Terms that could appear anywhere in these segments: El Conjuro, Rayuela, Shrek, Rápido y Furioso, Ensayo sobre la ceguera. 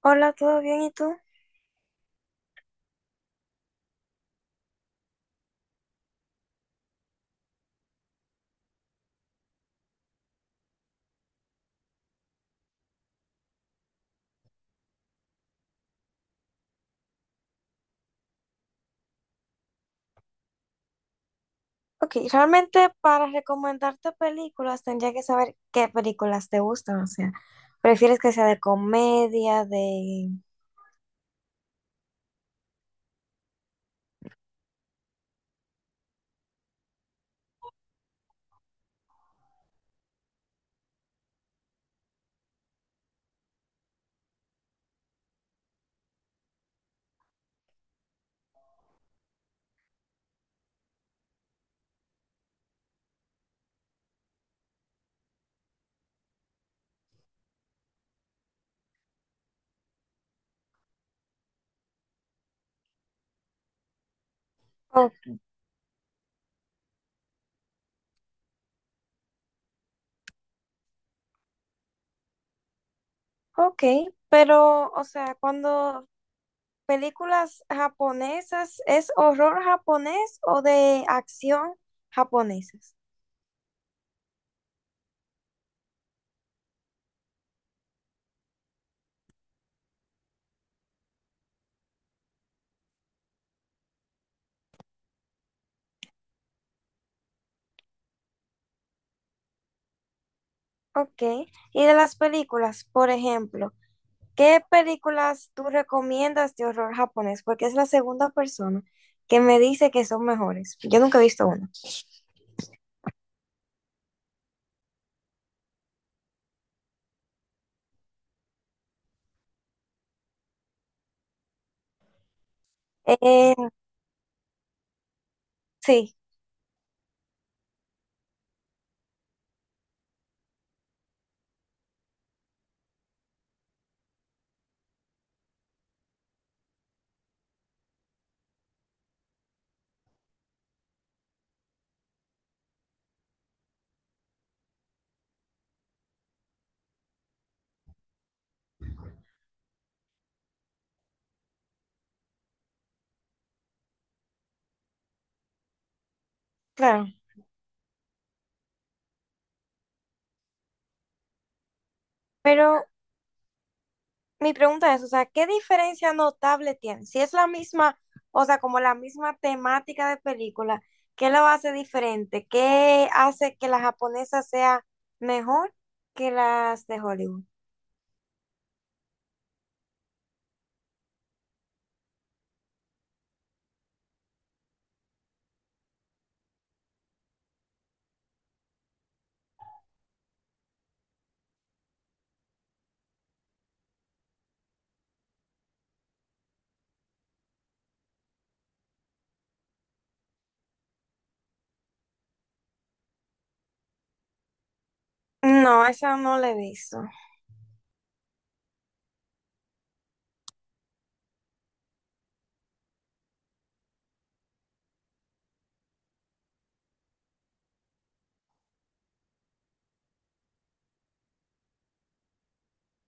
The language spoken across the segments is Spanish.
Hola, ¿todo bien? ¿Y tú? Ok, realmente para recomendarte películas tendría que saber qué películas te gustan, o sea, prefieres que sea de comedia, de... Oh, ok, pero, o sea, cuando películas japonesas, ¿es horror japonés o de acción japonesas? Ok, y de las películas, por ejemplo, ¿qué películas tú recomiendas de horror japonés? Porque es la segunda persona que me dice que son mejores. Yo nunca he visto una. Eh, sí, claro. Pero mi pregunta es, o sea, ¿qué diferencia notable tiene? Si es la misma, o sea, como la misma temática de película, ¿qué lo hace diferente? ¿Qué hace que la japonesa sea mejor que las de Hollywood? No, esa no la he visto.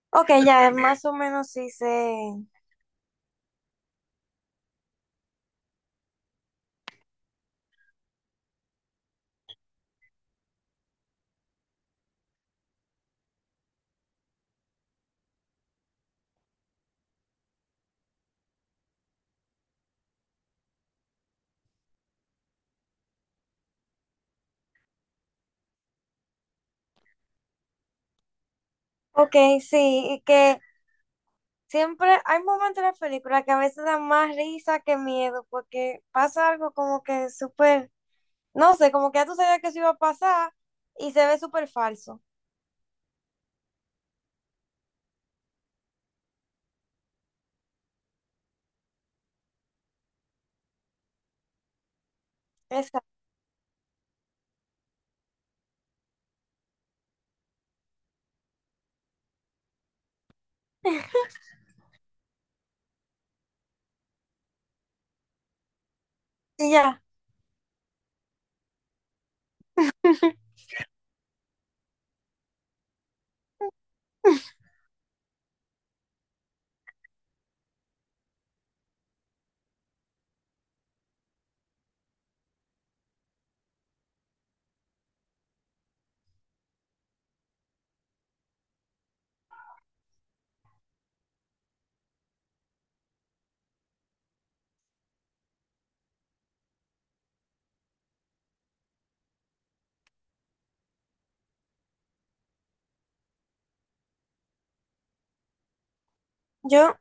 Ok, ya más o menos sí sé. Ok, sí, y que siempre hay momentos en la película que a veces dan más risa que miedo, porque pasa algo como que súper... No sé, como que ya tú sabías que eso iba a pasar y se ve súper falso. Exacto. Y ya. Yo,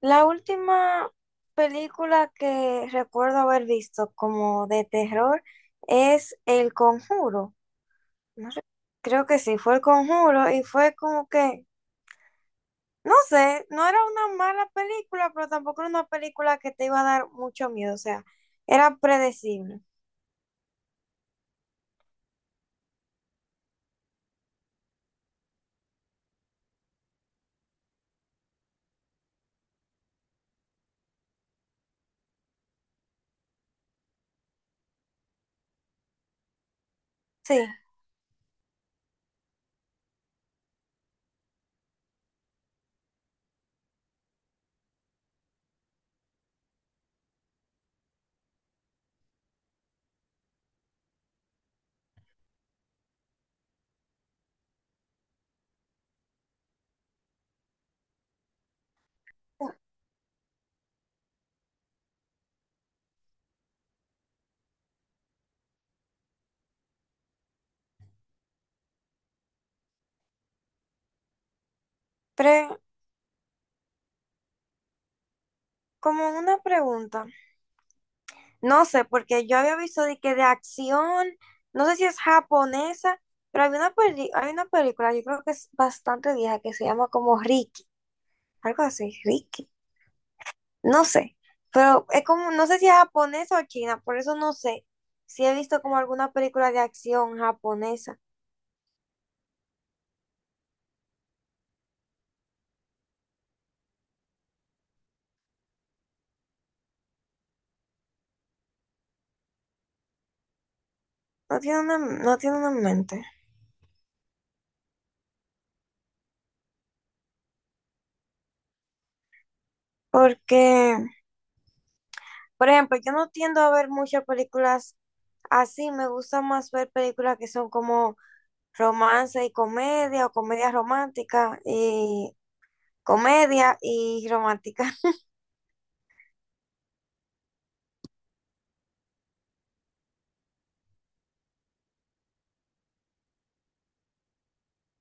la última película que recuerdo haber visto como de terror es El Conjuro. No sé, creo que sí, fue El Conjuro y fue como que, no sé, no era una mala película, pero tampoco era una película que te iba a dar mucho miedo, o sea, era predecible. Sí, pre- como una pregunta. No sé, porque yo había visto de que de acción, no sé si es japonesa, pero hay una peli- hay una película, yo creo que es bastante vieja, que se llama como Ricky, algo así, Ricky, no sé, pero es como, no sé si es japonesa o china, por eso no sé si he visto como alguna película de acción japonesa, no tiene una, no tiene una en mente, porque, por ejemplo, yo no tiendo a ver muchas películas así, me gusta más ver películas que son como romance y comedia o comedia romántica y comedia y romántica.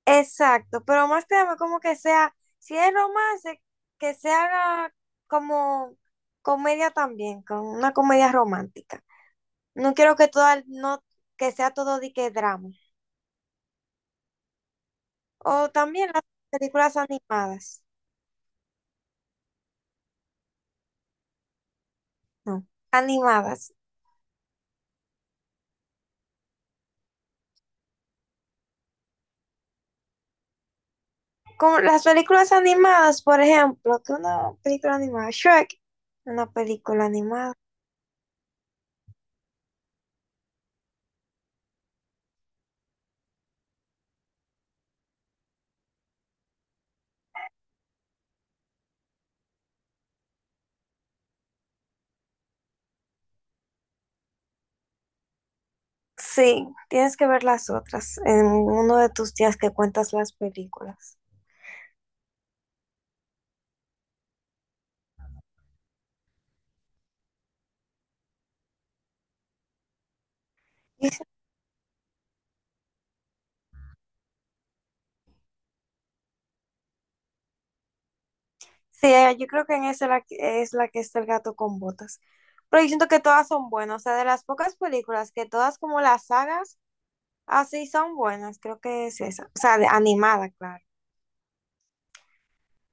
Exacto, pero más que nada como que sea, si es romance, que se haga como comedia también, con una comedia romántica. No quiero que todo, no, que sea todo de que drama. O también las películas animadas, no, animadas. Como las películas animadas, por ejemplo, que una película animada, Shrek, una película animada. Sí, tienes que ver las otras en uno de tus días que cuentas las películas. Y sí, yo creo que en esa es la que está el gato con botas. Pero yo siento que todas son buenas, o sea, de las pocas películas que todas como las sagas así son buenas, creo que es esa. O sea, de- animada, claro.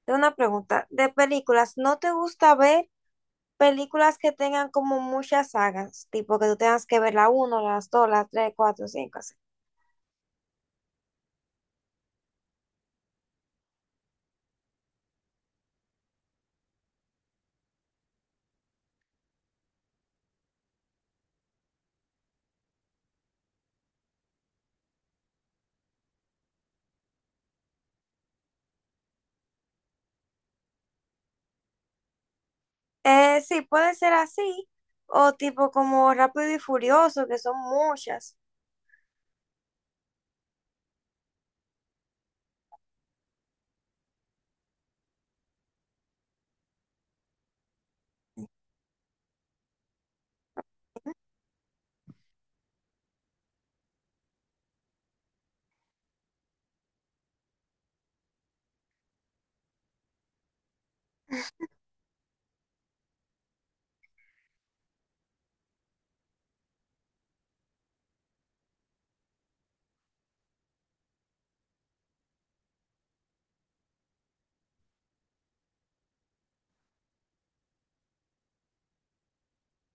Tengo una pregunta, de películas, ¿no te gusta ver películas que tengan como muchas sagas? Tipo que tú tengas que ver la uno, las 2, las 3, 4, 5... sí, puede ser así, o tipo como Rápido y Furioso, que son muchas.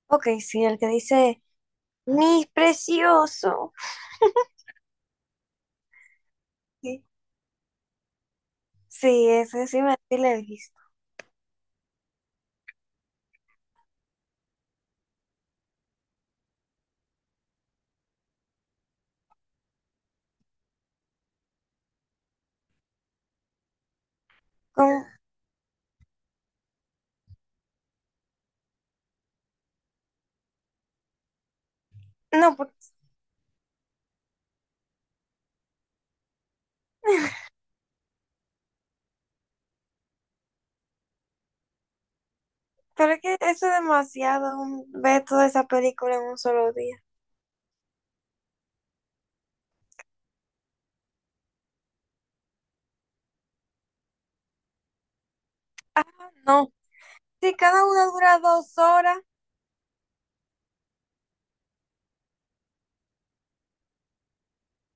Ok, sí, el que dice, mi precioso. Sí, sí, ese sí me sí lo he visto. Como- no, por- pero es que eso es demasiado, ver toda esa película en un solo día. No, sí, cada una dura 2 horas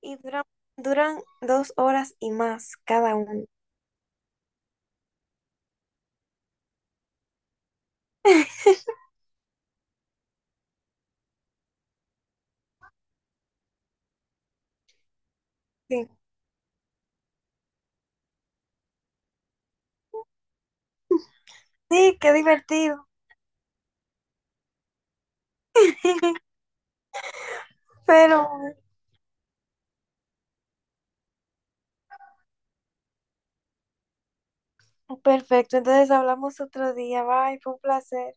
y duran 2 horas y más cada uno. Sí, sí, qué divertido. Pero... Perfecto, entonces hablamos otro día. Bye, fue un placer.